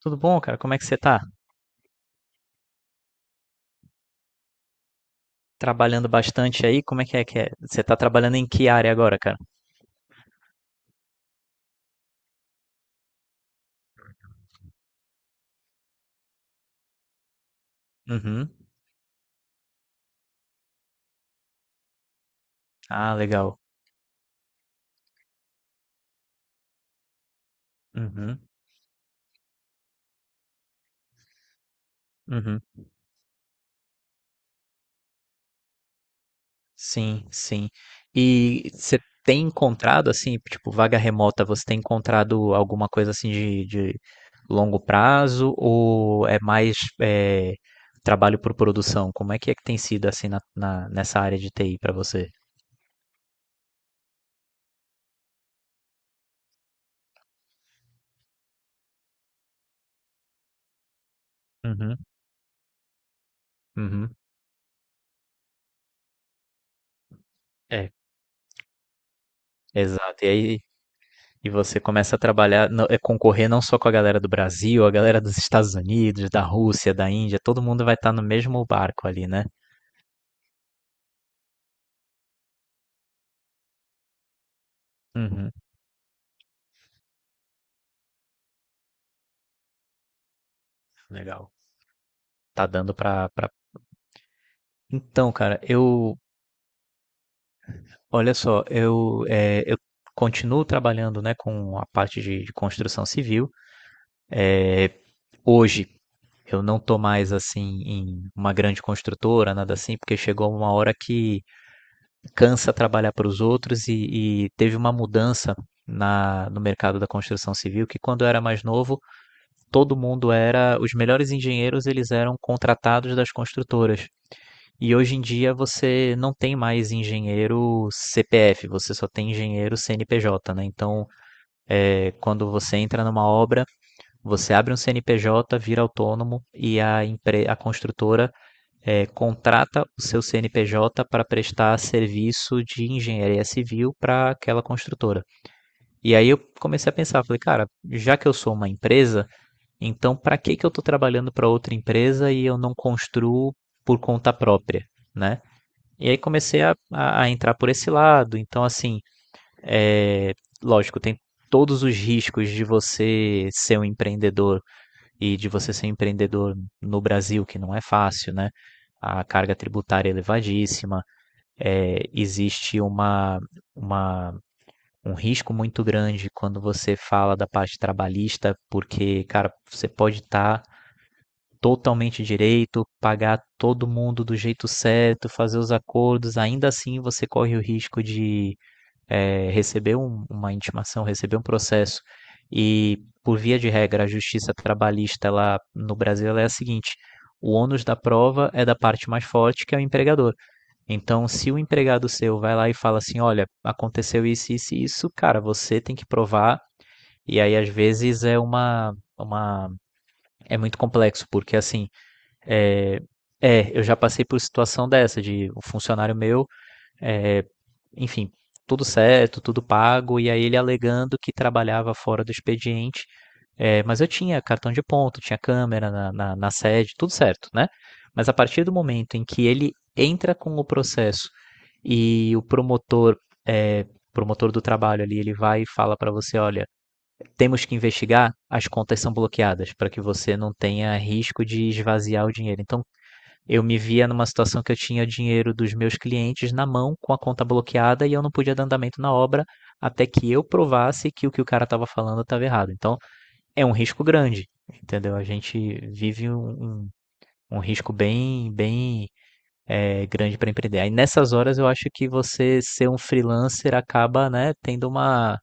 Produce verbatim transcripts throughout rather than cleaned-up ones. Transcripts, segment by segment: Tudo bom, cara? Como é que você tá? Trabalhando bastante aí? Como é que é que é? Você tá trabalhando em que área agora, cara? Uhum. Ah, legal. Uhum. Uhum. Sim, sim. E você tem encontrado, assim, tipo, vaga remota, você tem encontrado alguma coisa assim de, de longo prazo ou é mais é, trabalho por produção? Como é que é que tem sido assim na, na- nessa área de T I pra você? Uhum. Uhum. É, exato. E aí. E você começa a trabalhar, no- é, concorrer não só com a galera do Brasil, a galera dos Estados Unidos, da Rússia, da Índia, todo mundo vai estar no mesmo barco ali, né? Uhum, legal. Tá dando pra, pra... Então, cara, eu, olha só, eu, é, eu continuo trabalhando, né, com a parte de, de construção civil. Hoje eu não tô mais assim em uma grande construtora, nada assim, porque chegou uma hora que cansa trabalhar para os outros, e, e teve uma mudança na, no mercado da construção civil, que quando eu era mais novo, todo mundo era os melhores engenheiros, eles eram contratados das construtoras, e hoje em dia você não tem mais engenheiro C P F, você só tem engenheiro C N P J, né? Então, é, quando você entra numa obra, você abre um C N P J, vira autônomo, e a, empre- a construtora, é, contrata o seu C N P J para prestar serviço de engenharia civil para aquela construtora. E aí eu comecei a pensar, falei, cara, já que eu sou uma empresa, então para que que eu estou trabalhando para outra empresa e eu não construo por conta própria, né? E aí comecei a, a entrar por esse lado. Então, assim, é, lógico, tem todos os riscos de você ser um empreendedor e de você ser empreendedor no Brasil, que não é fácil, né? A carga tributária é elevadíssima, é, existe uma, uma, um risco muito grande quando você fala da parte trabalhista, porque, cara, você pode estar tá totalmente direito, pagar todo mundo do jeito certo, fazer os acordos, ainda assim você corre o risco de é, receber um- uma intimação, receber um processo, e por via de regra, a justiça trabalhista lá no Brasil, ela é a seguinte: o ônus da prova é da parte mais forte, que é o empregador. Então, se o empregado seu vai lá e fala assim: olha, aconteceu isso, isso e isso, cara, você tem que provar. E aí, às vezes, é uma. Uma é muito complexo, porque assim. É, é, eu já passei por situação dessa, de um funcionário meu, é, enfim, tudo certo, tudo pago, e aí ele alegando que trabalhava fora do expediente. É, mas eu tinha cartão de ponto, tinha câmera na, na, na sede, tudo certo, né? Mas a partir do momento em que ele entra com o processo, e o promotor, é, promotor do trabalho ali, ele vai e fala para você: olha, temos que investigar, as contas são bloqueadas para que você não tenha risco de esvaziar o dinheiro. Então eu me via numa situação que eu tinha dinheiro dos meus clientes na mão, com a conta bloqueada, e eu não podia dar andamento na obra até que eu provasse que o que o cara estava falando estava errado. Então, é um risco grande, entendeu? A gente vive um, um, um risco bem, bem é, grande para empreender. Aí, nessas horas, eu acho que você ser um freelancer acaba, né, tendo uma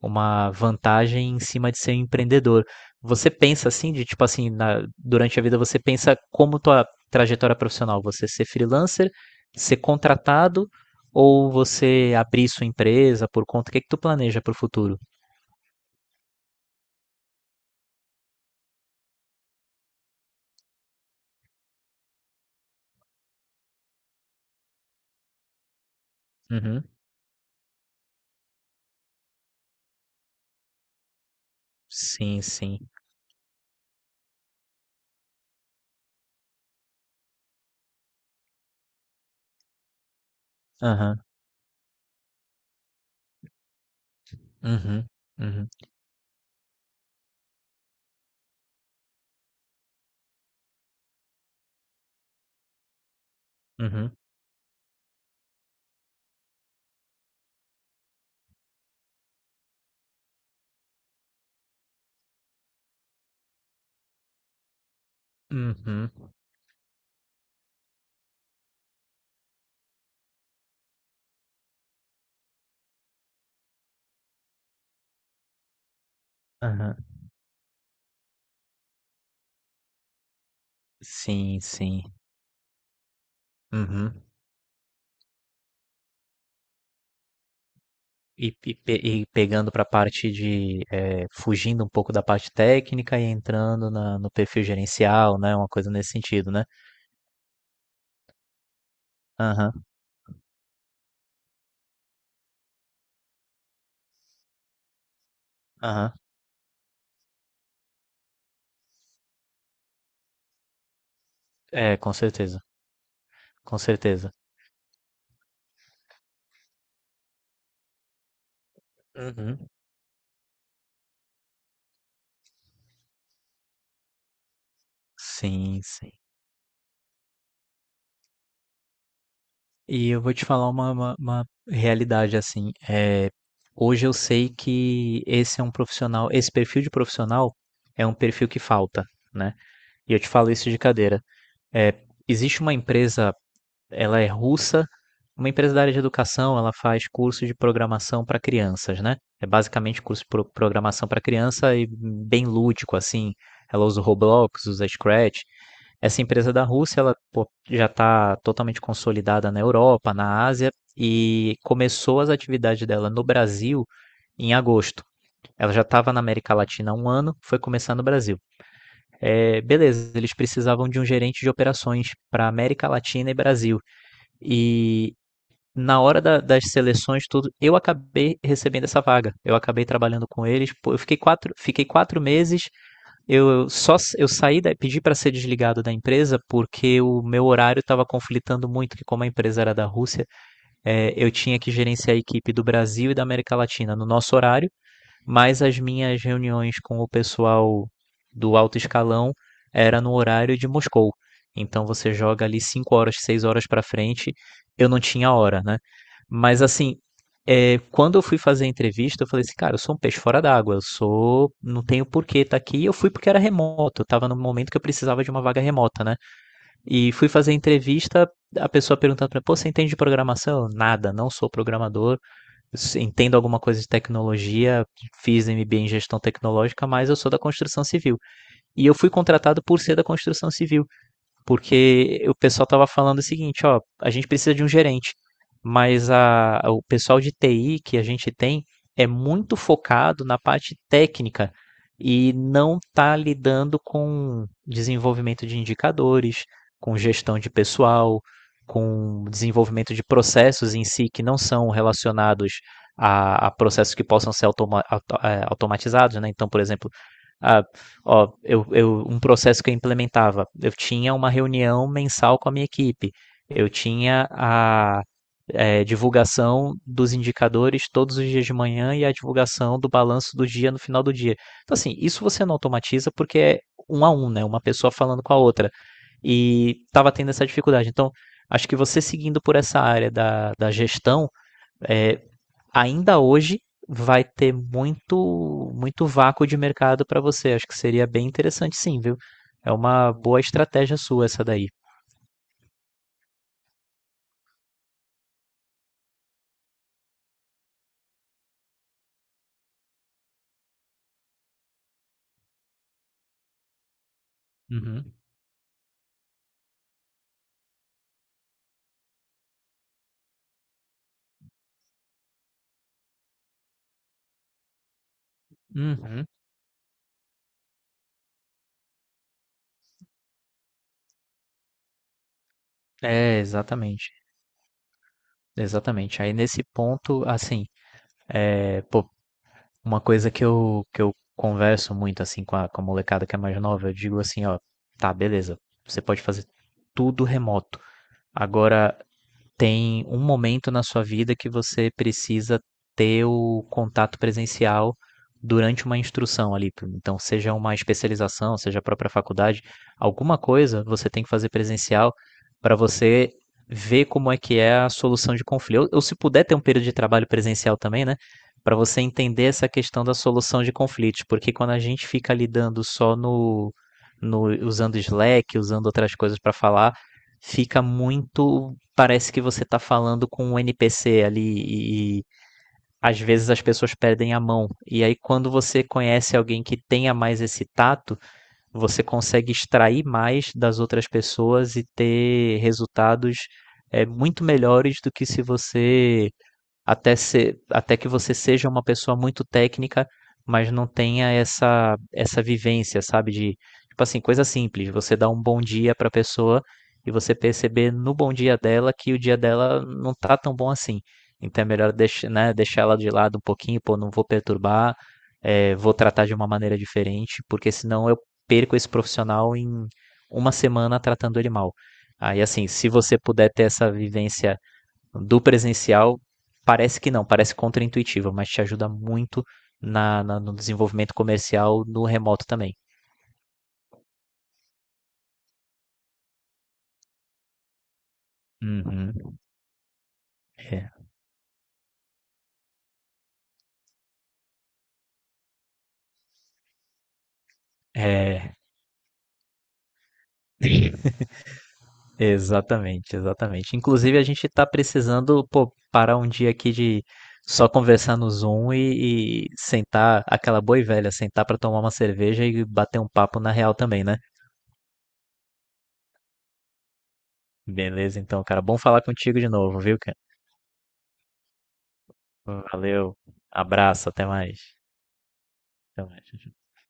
uma vantagem em cima de ser empreendedor. Você pensa assim, de tipo assim, na- durante a vida você pensa como tua trajetória profissional, você ser freelancer, ser contratado ou você abrir sua empresa por conta? O que é que tu planeja pro futuro? Uhum. Sim, sim. Aham. Uhum. Uhum. Uhum. Uhum. Aham. Sim, sim. Uhum. E, e pe- e pegando para a parte de, eh, fugindo um pouco da parte técnica e entrando na- no perfil gerencial, né? Uma coisa nesse sentido, né? Aham, aham. É, com certeza, com certeza. Uhum. Sim, sim. E eu vou te falar uma, uma- uma realidade assim. É hoje eu sei que esse é um profissional, esse perfil de profissional é um perfil que falta, né? E eu te falo isso de cadeira. é Existe uma empresa, ela é russa, uma empresa da área de educação, ela faz cursos de programação para crianças, né? É basicamente curso de pro- programação para criança, e bem lúdico, assim. Ela usa o Roblox, usa Scratch. Essa empresa da Rússia, ela, pô, já está totalmente consolidada na Europa, na Ásia, e começou as atividades dela no Brasil em agosto. Ela já estava na América Latina há um ano, foi começar no Brasil. É, beleza, eles precisavam de um gerente de operações para América Latina e Brasil. E na hora da- das seleções, tudo, eu acabei recebendo essa vaga. Eu acabei trabalhando com eles. Pô, eu fiquei quatro, fiquei quatro meses. Eu eu só s- eu saí, da, pedi para ser desligado da empresa porque o meu horário estava conflitando muito. Que como a empresa era da Rússia, eh, eu tinha que gerenciar a equipe do Brasil e da América Latina no nosso horário, mas as minhas reuniões com o pessoal do alto escalão era no horário de Moscou. Então você joga ali cinco horas, seis horas para frente. Eu não tinha hora, né? Mas assim, é, quando eu fui fazer a entrevista, eu falei assim, cara, eu sou um peixe fora d'água, eu sou, não tenho porquê estar tá aqui. Eu fui porque era remoto, eu tava no momento que eu precisava de uma vaga remota, né? E fui fazer a entrevista, a pessoa perguntando para mim, pô, você entende de programação? Eu, Nada, não sou programador, entendo alguma coisa de tecnologia, fiz M B A em gestão tecnológica, mas eu sou da construção civil. E eu fui contratado por ser da construção civil, porque o pessoal estava falando o seguinte, ó: a gente precisa de um gerente, mas a, o pessoal de T I que a gente tem é muito focado na parte técnica e não está lidando com desenvolvimento de indicadores, com gestão de pessoal, com desenvolvimento de processos em si que não são relacionados a, a processos que possam ser automa, auto, é, automatizados, né? Então, por exemplo, a, ó, eu, eu, um processo que eu implementava. Eu tinha uma reunião mensal com a minha equipe. Eu tinha a é, divulgação dos indicadores todos os dias de manhã e a divulgação do balanço do dia no final do dia. Então, assim, isso você não automatiza porque é um a um, né? Uma pessoa falando com a outra. E estava tendo essa dificuldade. Então, acho que você seguindo por essa área da, da gestão, é, ainda hoje vai ter muito muito vácuo de mercado para você. Acho que seria bem interessante, sim, viu? É uma boa estratégia sua, essa daí. Uhum. Uhum. É, exatamente. Exatamente. Aí nesse ponto, assim, é, pô, uma coisa que eu, que eu converso muito assim com a, com a molecada que é mais nova, eu digo assim, ó, tá, beleza, você pode fazer tudo remoto. Agora, tem um momento na sua vida que você precisa ter o contato presencial durante uma instrução ali. Então, seja uma especialização, seja a própria faculdade, alguma coisa você tem que fazer presencial para você ver como é que é a solução de conflito. Ou, ou se puder ter um período de trabalho presencial também, né? Para você entender essa questão da solução de conflitos, porque quando a gente fica lidando só no, no usando Slack, usando outras coisas para falar, fica muito, parece que você tá falando com um N P C ali, e e às vezes as pessoas perdem a mão. E aí, quando você conhece alguém que tenha mais esse tato, você consegue extrair mais das outras pessoas e ter resultados é, muito melhores do que se você até, ser, até que você seja uma pessoa muito técnica, mas não tenha essa, essa vivência, sabe? De, tipo assim, coisa simples. Você dá um bom dia pra pessoa, e você perceber no bom dia dela que o dia dela não tá tão bom assim. Então é melhor deixar, né, deixar ela de lado um pouquinho, pô, não vou perturbar, é, vou tratar de uma maneira diferente, porque senão eu perco esse profissional em uma semana tratando ele mal. Aí, assim, se você puder ter essa vivência do presencial, parece que não, parece contraintuitivo, mas te ajuda muito na, na- no desenvolvimento comercial no remoto também. Uhum. É, é, Exatamente, exatamente. Inclusive, a gente está precisando, pô, parar um dia aqui de só conversar no Zoom e, e sentar, aquela boa e velha, sentar para tomar uma cerveja e bater um papo na real também, né? Beleza, então, cara, bom falar contigo de novo, viu, cara? Valeu, abraço, até mais. Até mais.